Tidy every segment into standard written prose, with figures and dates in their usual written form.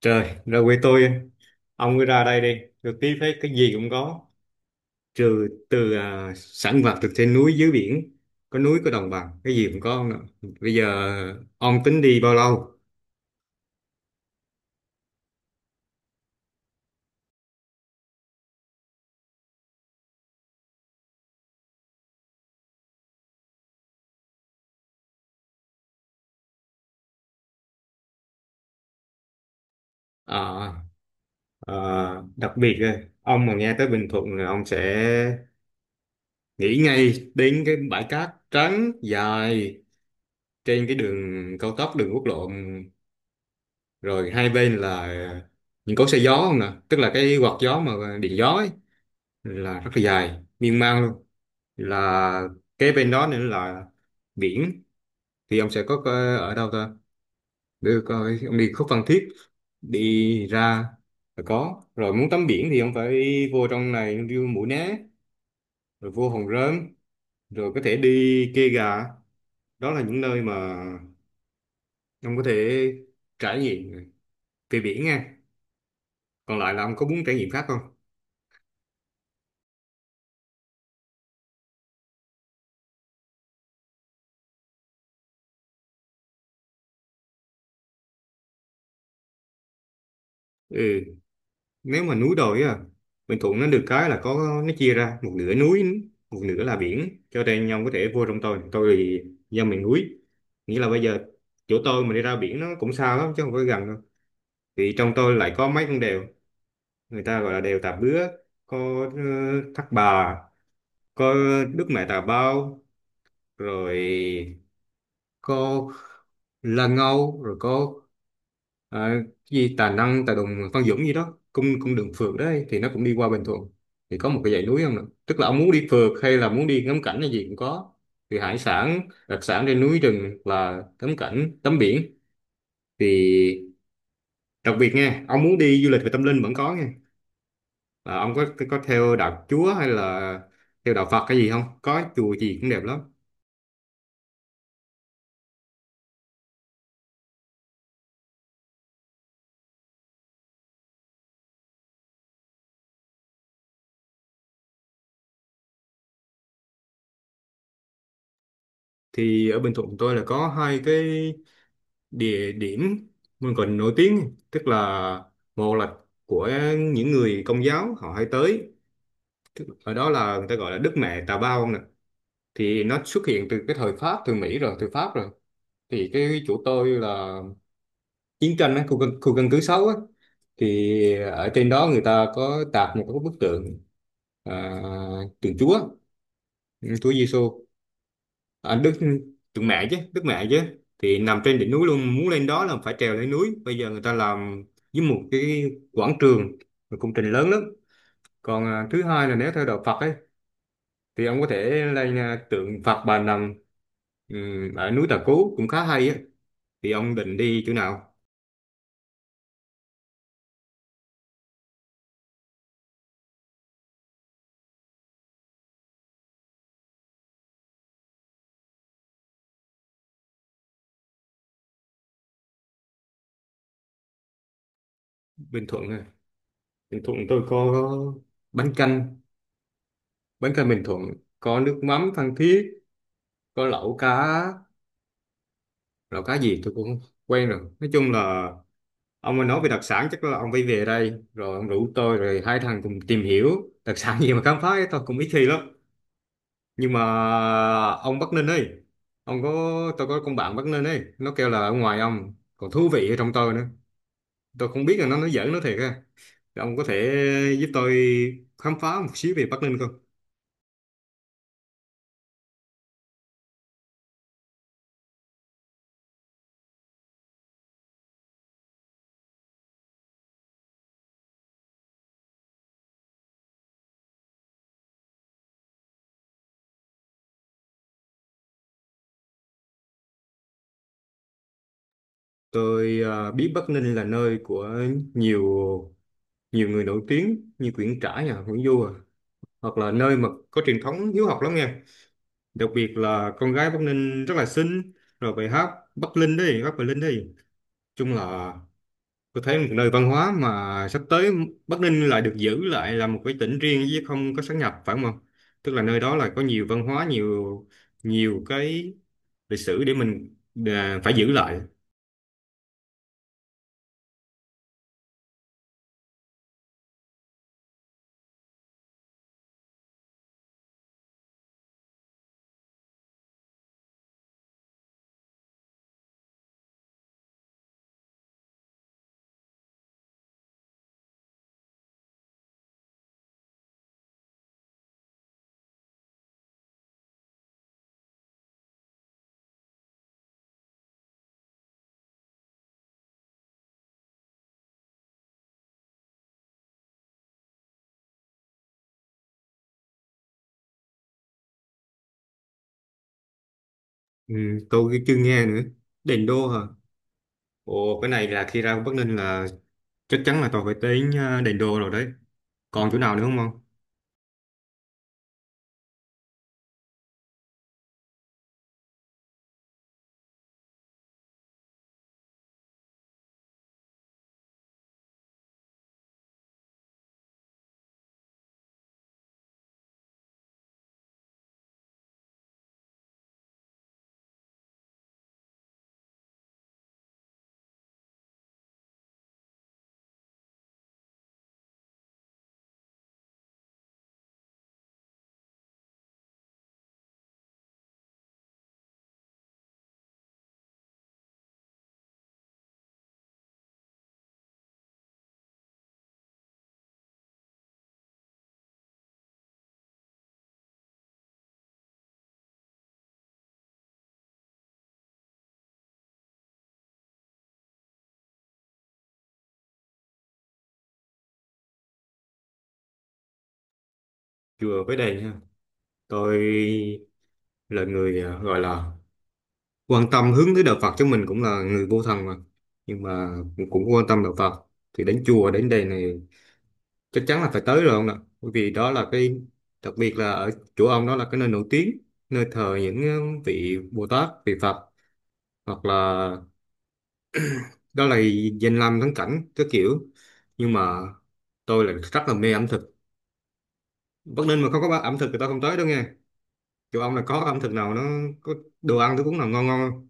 Trời, ra quê tôi, ông cứ ra đây đi, được tí phết cái gì cũng có, trừ sản vật từ trên núi dưới biển, có núi có đồng bằng, cái gì cũng có ông ạ. Bây giờ ông tính đi bao lâu? À, à, đặc biệt á, ông mà nghe tới Bình Thuận là ông sẽ nghĩ ngay đến cái bãi cát trắng dài trên cái đường cao tốc, đường quốc lộ, rồi hai bên là những cối xay gió không nè, tức là cái quạt gió mà điện gió ấy, là rất là dài, miên man luôn, là kế bên đó nữa là biển. Thì ông sẽ có ở đâu ta để coi, ông đi khúc Phan Thiết đi ra là có rồi. Muốn tắm biển thì ông phải vô trong này đi Mũi Né rồi vô Hòn Rơm rồi có thể đi Kê Gà. Đó là những nơi mà ông có thể trải nghiệm về biển nha. Còn lại là ông có muốn trải nghiệm khác không? Ừ, nếu mà núi đồi á, Bình Thuận nó được cái là có nó chia ra một nửa núi, một nửa là biển, cho nên nhau có thể vô trong. Tôi thì dân miền núi, nghĩa là bây giờ chỗ tôi mà đi ra biển nó cũng xa lắm chứ không phải gần đâu. Thì trong tôi lại có mấy con đèo, người ta gọi là đèo Tà Bứa, có ờ, Thác Bà, có Đức Mẹ Tà Bao, rồi có Lan Âu, rồi có ờ, cái gì Tà Năng Tà Đùng Phan Dũng gì đó, cung cung đường phượt đấy thì nó cũng đi qua Bình Thuận. Thì có một cái dãy núi không nè, tức là ông muốn đi phượt hay là muốn đi ngắm cảnh hay gì cũng có. Thì hải sản đặc sản trên núi rừng, là tắm cảnh tắm biển. Thì đặc biệt nha, ông muốn đi du lịch về tâm linh vẫn có nha, là ông có theo đạo Chúa hay là theo đạo Phật, cái gì không, có chùa gì cũng đẹp lắm. Thì ở Bình Thuận tôi là có hai cái địa điểm mình còn nổi tiếng, tức là một là của những người Công giáo họ hay tới. Ở đó là người ta gọi là Đức Mẹ Tà Bao nè, thì nó xuất hiện từ cái thời Pháp, từ Mỹ rồi từ Pháp rồi. Thì cái chỗ tôi là chiến tranh á, khu căn cứ 6 á. Thì ở trên đó người ta có tạc một cái bức tượng, à, tượng Chúa, Chúa Giêsu. À, Đức Tượng Mẹ chứ, Đức Mẹ chứ, thì nằm trên đỉnh núi luôn. Muốn lên đó là phải trèo lên núi, bây giờ người ta làm với một cái quảng trường, một công trình lớn lắm. Còn thứ hai là nếu theo đạo Phật ấy thì ông có thể lên tượng Phật Bà Nằm, ở núi Tà Cú cũng khá hay á. Thì ông định đi chỗ nào? Bình Thuận à? Bình Thuận tôi có bánh canh bánh canh Bình Thuận, có nước mắm Phan Thiết, có lẩu cá gì tôi cũng không quen, rồi nói chung là ông mà nói về đặc sản chắc là ông phải về đây rồi ông rủ tôi rồi hai thằng cùng tìm hiểu đặc sản gì mà khám phá ấy, tôi cũng ít khi lắm. Nhưng mà ông Bắc Ninh ấy, ông có tôi có con bạn Bắc Ninh ấy, nó kêu là ở ngoài ông còn thú vị ở trong tôi nữa, tôi không biết là nó nói giỡn nó thiệt ha. Ông có thể giúp tôi khám phá một xíu về Bắc Ninh không? Tôi biết Bắc Ninh là nơi của nhiều nhiều người nổi tiếng như Nguyễn Trãi à, Nguyễn Du à, hoặc là nơi mà có truyền thống hiếu học lắm nha. Đặc biệt là con gái Bắc Ninh rất là xinh, rồi bài hát Bắc Linh đi, Bắc Bình Linh đi, chung là tôi thấy một nơi văn hóa. Mà sắp tới Bắc Ninh lại được giữ lại là một cái tỉnh riêng chứ không có sát nhập, phải không? Tức là nơi đó là có nhiều văn hóa, nhiều nhiều cái lịch sử để mình phải giữ lại. Ừ, tôi chưa nghe nữa, đền đô hả? Ồ, cái này là khi ra Bắc Ninh là chắc chắn là tôi phải đến đền đô rồi đấy. Còn chỗ nào nữa không? Chùa với đền ha, tôi là người gọi là quan tâm hướng tới đạo Phật, chứ mình cũng là người vô thần mà, nhưng mà cũng cũng quan tâm đạo Phật. Thì đến chùa đến đền này chắc chắn là phải tới rồi ông ạ, bởi vì đó là cái đặc biệt. Là ở chỗ ông đó là cái nơi nổi tiếng, nơi thờ những vị Bồ Tát, vị Phật, hoặc là đó là danh lam thắng cảnh cái kiểu. Nhưng mà tôi là rất là mê ẩm thực, Bắc Ninh mà không có ẩm thực thì tao không tới đâu nghe. Chỗ ông là có ẩm thực nào nó có đồ ăn thức uống nào ngon ngon không?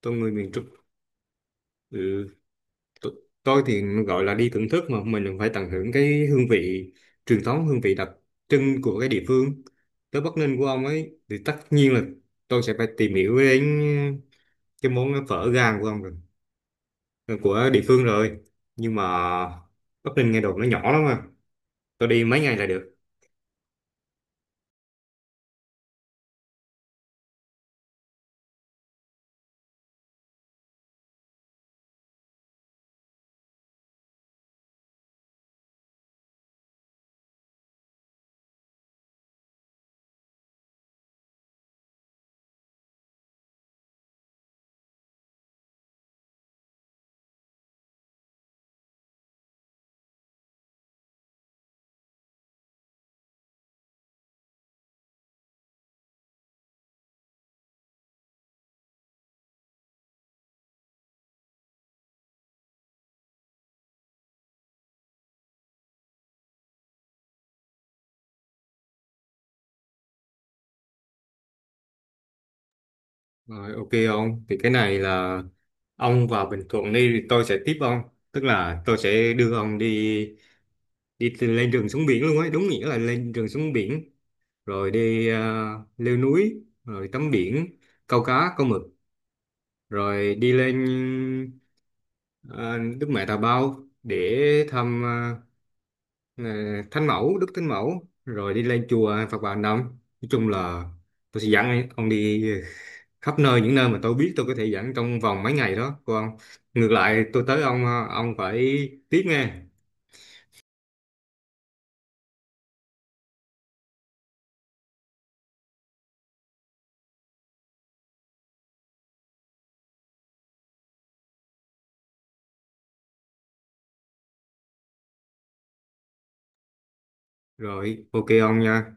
Tôi người miền Trung. ừ, T- tôi thì gọi là đi thưởng thức mà mình phải tận hưởng cái hương vị truyền thống, hương vị đặc trưng của cái địa phương. Tới Bắc Ninh của ông ấy thì tất nhiên là tôi sẽ phải tìm hiểu đến cái món phở gang của ông rồi, ờ, của địa phương rồi. Nhưng mà Bắc Ninh nghe đồn nó nhỏ lắm mà, tôi đi mấy ngày là được. Rồi, ok ông, thì cái này là ông vào Bình Thuận đi thì tôi sẽ tiếp ông, tức là tôi sẽ đưa ông đi, đi từ lên đường xuống biển luôn ấy, đúng nghĩa là lên đường xuống biển. Rồi đi leo núi rồi tắm biển, câu cá câu mực, rồi đi lên ờ, Đức Mẹ Tà Bao để thăm ờ, Thánh Mẫu, Đức Thánh Mẫu, rồi đi lên chùa Phật Bà Nằm. Nói chung là tôi sẽ dẫn ông đi khắp nơi, những nơi mà tôi biết tôi có thể dẫn trong vòng mấy ngày đó. Còn ngược lại tôi tới ông ông phải tiếp nghe. Rồi, ok ông nha.